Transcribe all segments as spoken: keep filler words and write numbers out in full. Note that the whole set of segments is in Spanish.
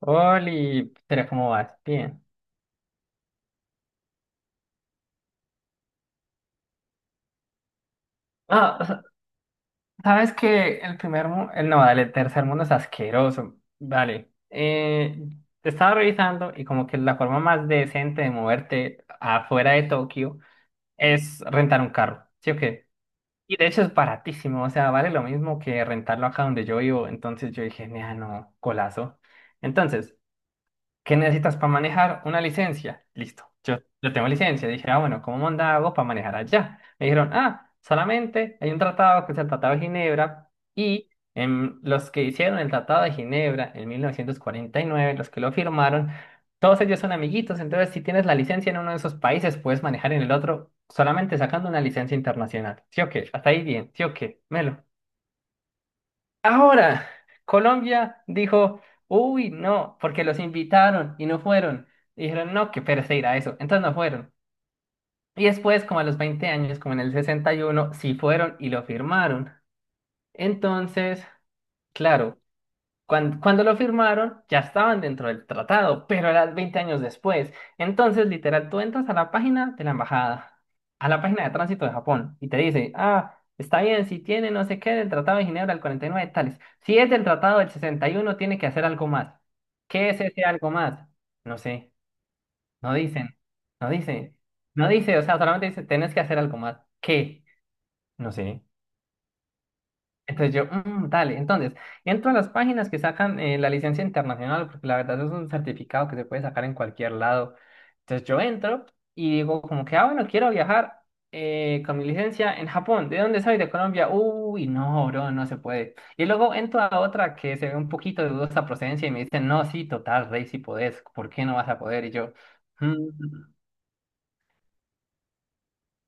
Oli, pero ¿cómo vas? Bien. Ah, sa- sabes que el primer mundo, no, dale, el tercer mundo es asqueroso. Vale. Eh, te estaba revisando y como que la forma más decente de moverte afuera de Tokio es rentar un carro, ¿sí o qué? Y de hecho es baratísimo, o sea, vale lo mismo que rentarlo acá donde yo vivo. Entonces yo dije, "Nea, no, colazo". Entonces, ¿qué necesitas para manejar una licencia? Listo, yo, yo tengo licencia. Dije, ah, bueno, ¿cómo manda hago para manejar allá? Me dijeron, ah, solamente hay un tratado que es el Tratado de Ginebra y em, los que hicieron el Tratado de Ginebra en mil novecientos cuarenta y nueve, los que lo firmaron, todos ellos son amiguitos. Entonces, si tienes la licencia en uno de esos países, puedes manejar en el otro solamente sacando una licencia internacional. ¿Sí o qué? Hasta ahí bien, ¿sí o qué? Melo. Ahora, Colombia dijo, uy, no, porque los invitaron y no fueron. Y dijeron, no, qué pereza a eso. Entonces no fueron. Y después, como a los veinte años, como en el sesenta y uno sí fueron y lo firmaron. Entonces, claro, Cuan- Cuando, lo firmaron, ya estaban dentro del tratado, pero eran veinte años después. Entonces, literal, tú entras a la página de la embajada, a la página de tránsito de Japón, y te dice, ah, está bien, si tiene no sé qué del Tratado de Ginebra del cuarenta y nueve, tales. Si es del Tratado del sesenta y uno, tiene que hacer algo más. ¿Qué es ese algo más? No sé, no dicen, no dice, no dice, o sea, solamente dice, tenés que hacer algo más. ¿Qué? No sé. Entonces yo, "Mm, dale, entonces, entro a las páginas que sacan eh, la licencia internacional, porque la verdad es un certificado que se puede sacar en cualquier lado. Entonces yo entro y digo, como que, ah, bueno, quiero viajar eh, con mi licencia en Japón. ¿De dónde soy? De Colombia. Uy, no, bro, no se puede". Y luego entro a otra que se ve un poquito de dudosa procedencia y me dicen, no, sí, total, rey, sí podés, ¿por qué no vas a poder? Y yo, "Mm,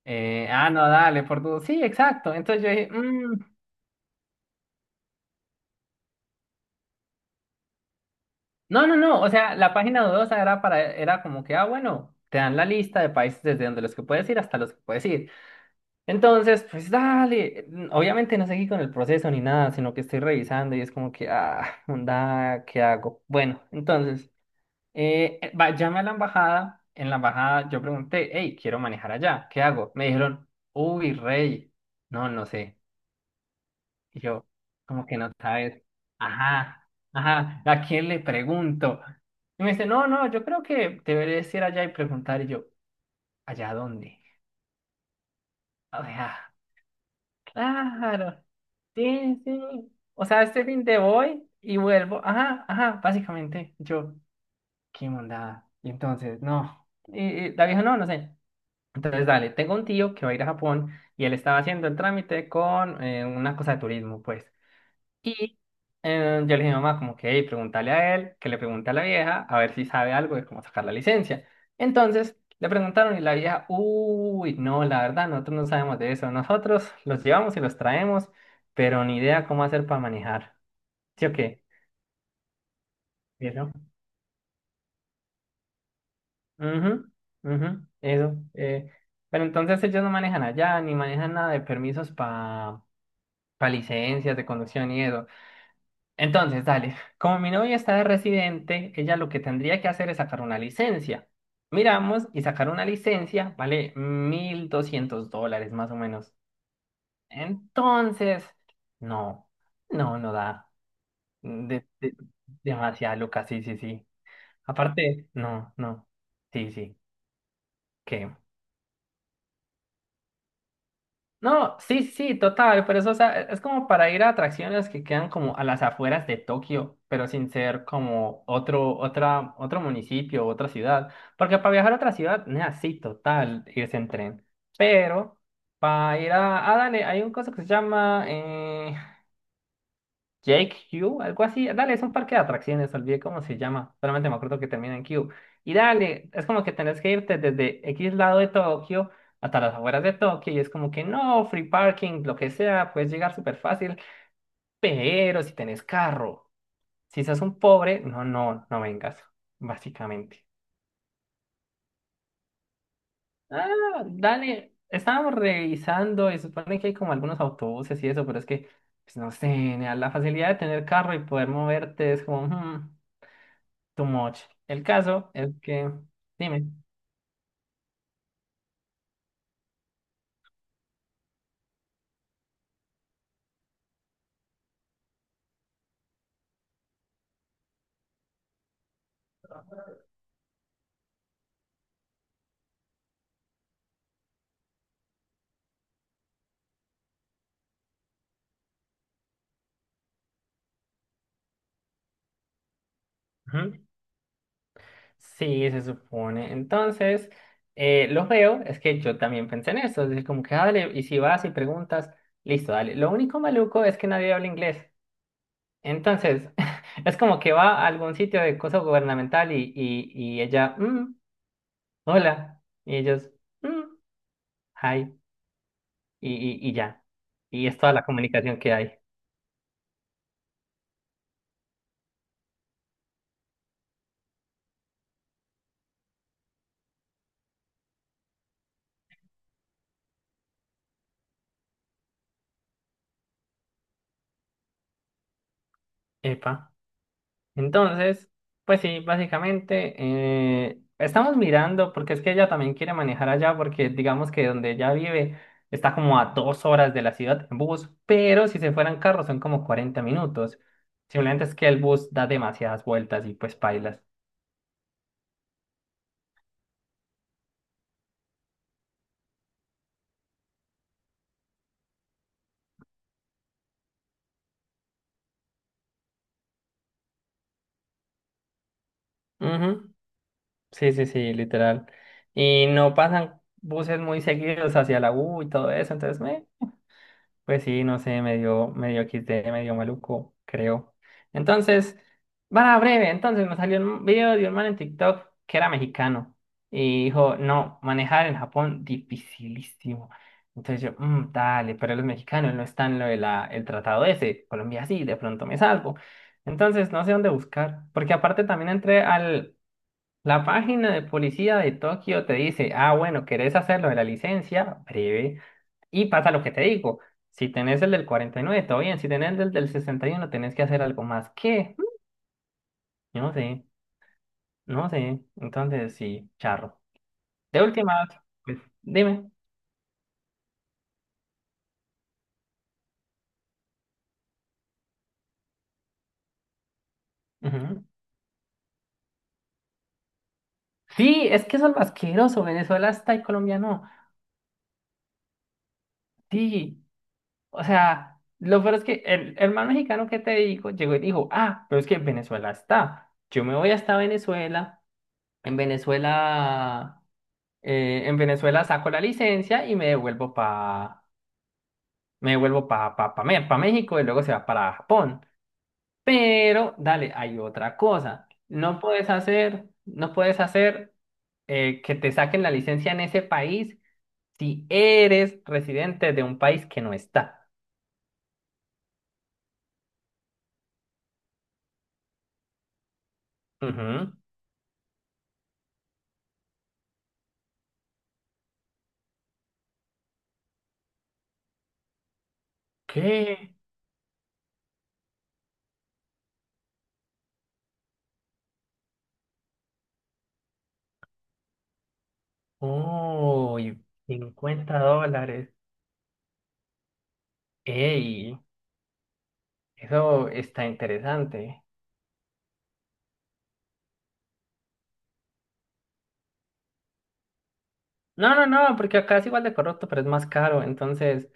eh, ah, no, dale, por dudas". Sí, exacto. Entonces yo dije, "Mm, no, no, no, o sea, la página dudosa era para, era como que, ah, bueno, te dan la lista de países desde donde los que puedes ir hasta los que puedes ir". Entonces, pues dale, mm, obviamente no seguí con el proceso ni nada, sino que estoy revisando y es como que, ah, onda, ¿qué hago? Bueno, entonces, eh, eh, va- llamé a la embajada. En la embajada yo pregunté, hey, quiero manejar allá, ¿qué hago? Me dijeron, uy, rey, no, no sé. Y yo, como que no sabes, ajá, ajá, ¿a quién le pregunto? Y me dice, no, no, yo creo que deberías ir allá y preguntar. Y yo, ¿allá dónde? O sea, claro, sí, sí. O sea, este fin de voy y vuelvo, ajá, ajá, básicamente. Y Yo, qué mondada. Y entonces, no. Y, y la vieja, no, no sé. Entonces, dale, tengo un tío que va a ir a Japón y él estaba haciendo el trámite con eh, una cosa de turismo, pues. Y eh, yo le dije a mi mamá, como que, hey, pregúntale a él, que le pregunte a la vieja, a ver si sabe algo de cómo sacar la licencia. Entonces, le preguntaron y la vieja, uy, no, la verdad, nosotros no sabemos de eso. Nosotros los llevamos y los traemos, pero ni idea cómo hacer para manejar. ¿Sí o qué? Y "Ujú, ujú, eso. Eh". Pero entonces ellos no manejan allá, ni manejan nada de permisos para licencias de conducción y eso. Entonces, dale, como mi novia está de residente, ella lo que tendría que hacer es sacar una licencia. Miramos y sacar una licencia vale mil doscientos dólares más o menos. Entonces, no, no, no da. De- de- demasiado, Lucas, sí, sí, sí. Aparte, no, no, sí, sí, ¿qué? No, sí, sí, total, pero eso, o sea, es como para ir a atracciones que quedan como a las afueras de Tokio, pero sin ser como otro, otra, otro municipio, otra ciudad, porque para viajar a otra ciudad, nea, sí, total, irse en tren, pero para ir a, ah, dale, hay un cosa que se llama, eh, Jake Q, algo así. Dale, es un parque de atracciones, olvidé cómo se llama. Solamente me acuerdo que termina en Q. Y dale, es como que tenés que irte desde X lado de Tokio hasta las afueras de Tokio. Y es como que no, free parking, lo que sea, puedes llegar súper fácil. Pero si tenés carro, si sos un pobre, no, no, no vengas, básicamente. Ah, dale, estábamos revisando y supone que hay como algunos autobuses y eso, pero es que, pues no sé, nea, la facilidad de tener carro y poder moverte es como, hmm, too much. El caso es que, dime. Ujú. Sí, se supone. Entonces, eh, lo veo es que yo también pensé en eso. Es decir, como que, ah, dale, y si vas y preguntas, listo, dale. Lo único maluco es que nadie habla inglés. Entonces, es como que va a algún sitio de cosa gubernamental y, y, y ella, "Mm, hola". Y ellos, "Mm, hi". Y, y, y ya. Y es toda la comunicación que hay. Epa. Entonces, pues sí, básicamente eh, estamos mirando, porque es que ella también quiere manejar allá, porque digamos que donde ella vive está como a dos horas de la ciudad en bus, pero si se fueran carros son como cuarenta minutos. Simplemente es que el bus da demasiadas vueltas y pues pailas. Ujú. Sí, sí, sí, literal. Y no pasan buses muy seguidos hacia la U y todo eso, entonces, meh. Pues sí, no sé, medio, medio equis de, medio maluco, creo. Entonces, para breve, entonces me salió un video de un man en TikTok que era mexicano y dijo, no, manejar en Japón dificilísimo. Entonces yo, "Mm, dale, pero los mexicanos no están en lo de la, el tratado ese, Colombia sí, de pronto me salvo". Entonces no sé dónde buscar, porque aparte también entré al, la página de policía de Tokio te dice, ah, bueno, ¿querés hacerlo de la licencia? Breve. Y pasa lo que te digo. Si tenés el del cuarenta y nueve, todo bien. Si tenés el del del sesenta y uno, tenés que hacer algo más. ¿Qué? Yo no sé, no sé. Entonces, sí, charro. De última, pues, dime. Ujú. Sí, es que eso es lo asqueroso. Venezuela está y Colombia no. Sí, o sea, lo peor es que el hermano mexicano que te digo llegó y dijo, ah, pero es que Venezuela está. Yo me voy hasta Venezuela. En Venezuela, eh, en Venezuela saco la licencia y me devuelvo pa, me devuelvo pa, pa, pa, Me- pa México y luego se va para Japón. Pero, dale, hay otra cosa. No puedes hacer, no puedes hacer eh, que te saquen la licencia en ese país si eres residente de un país que no está. Ujú. ¿Qué? Oh. Cincuenta dólares. Ey, eso está interesante. No, no, no, porque acá es igual de corrupto, pero es más caro. Entonces,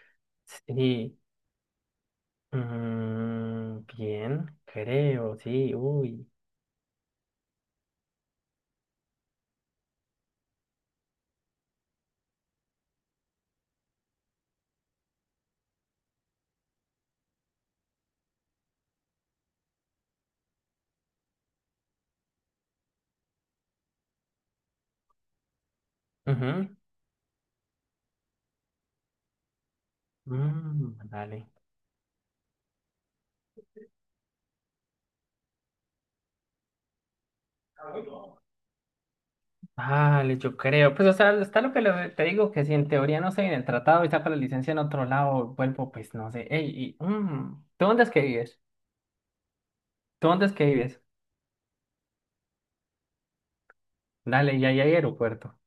sí. mm, bien, creo, sí, uy. Ujú, mm, dale. Dale, yo creo. Pues, o sea, está lo que le- te digo, que si en teoría no sé, en el tratado y saco la licencia en otro lado, vuelvo, pues no sé. Ey, y, mm, ¿tú dónde es que vives? ¿Tú dónde es que vives? Dale, y ahí hay aeropuerto.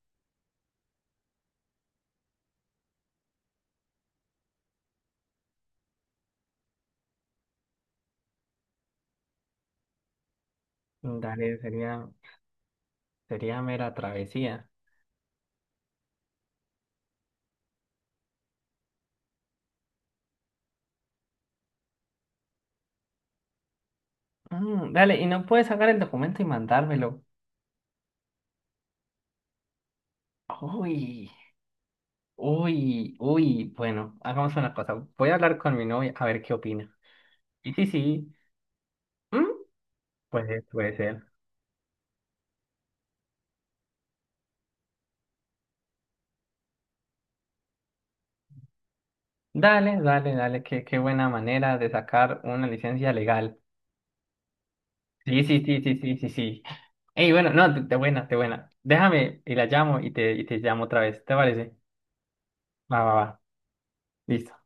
Dale, sería, sería mera travesía. Mm, dale, y no puedes sacar el documento y mandármelo. Uy. Uy, uy, bueno, hagamos una cosa. Voy a hablar con mi novia a ver qué opina. Y sí, sí, ¿mm? Puede, puede ser. Dale, dale, dale, qué, qué buena manera de sacar una licencia legal. Sí, sí, sí, sí, sí, sí, sí. Ey, bueno, no, de, de buena, de buena. Déjame y la llamo y te, y te llamo otra vez, ¿te parece? Va, va, va. Listo.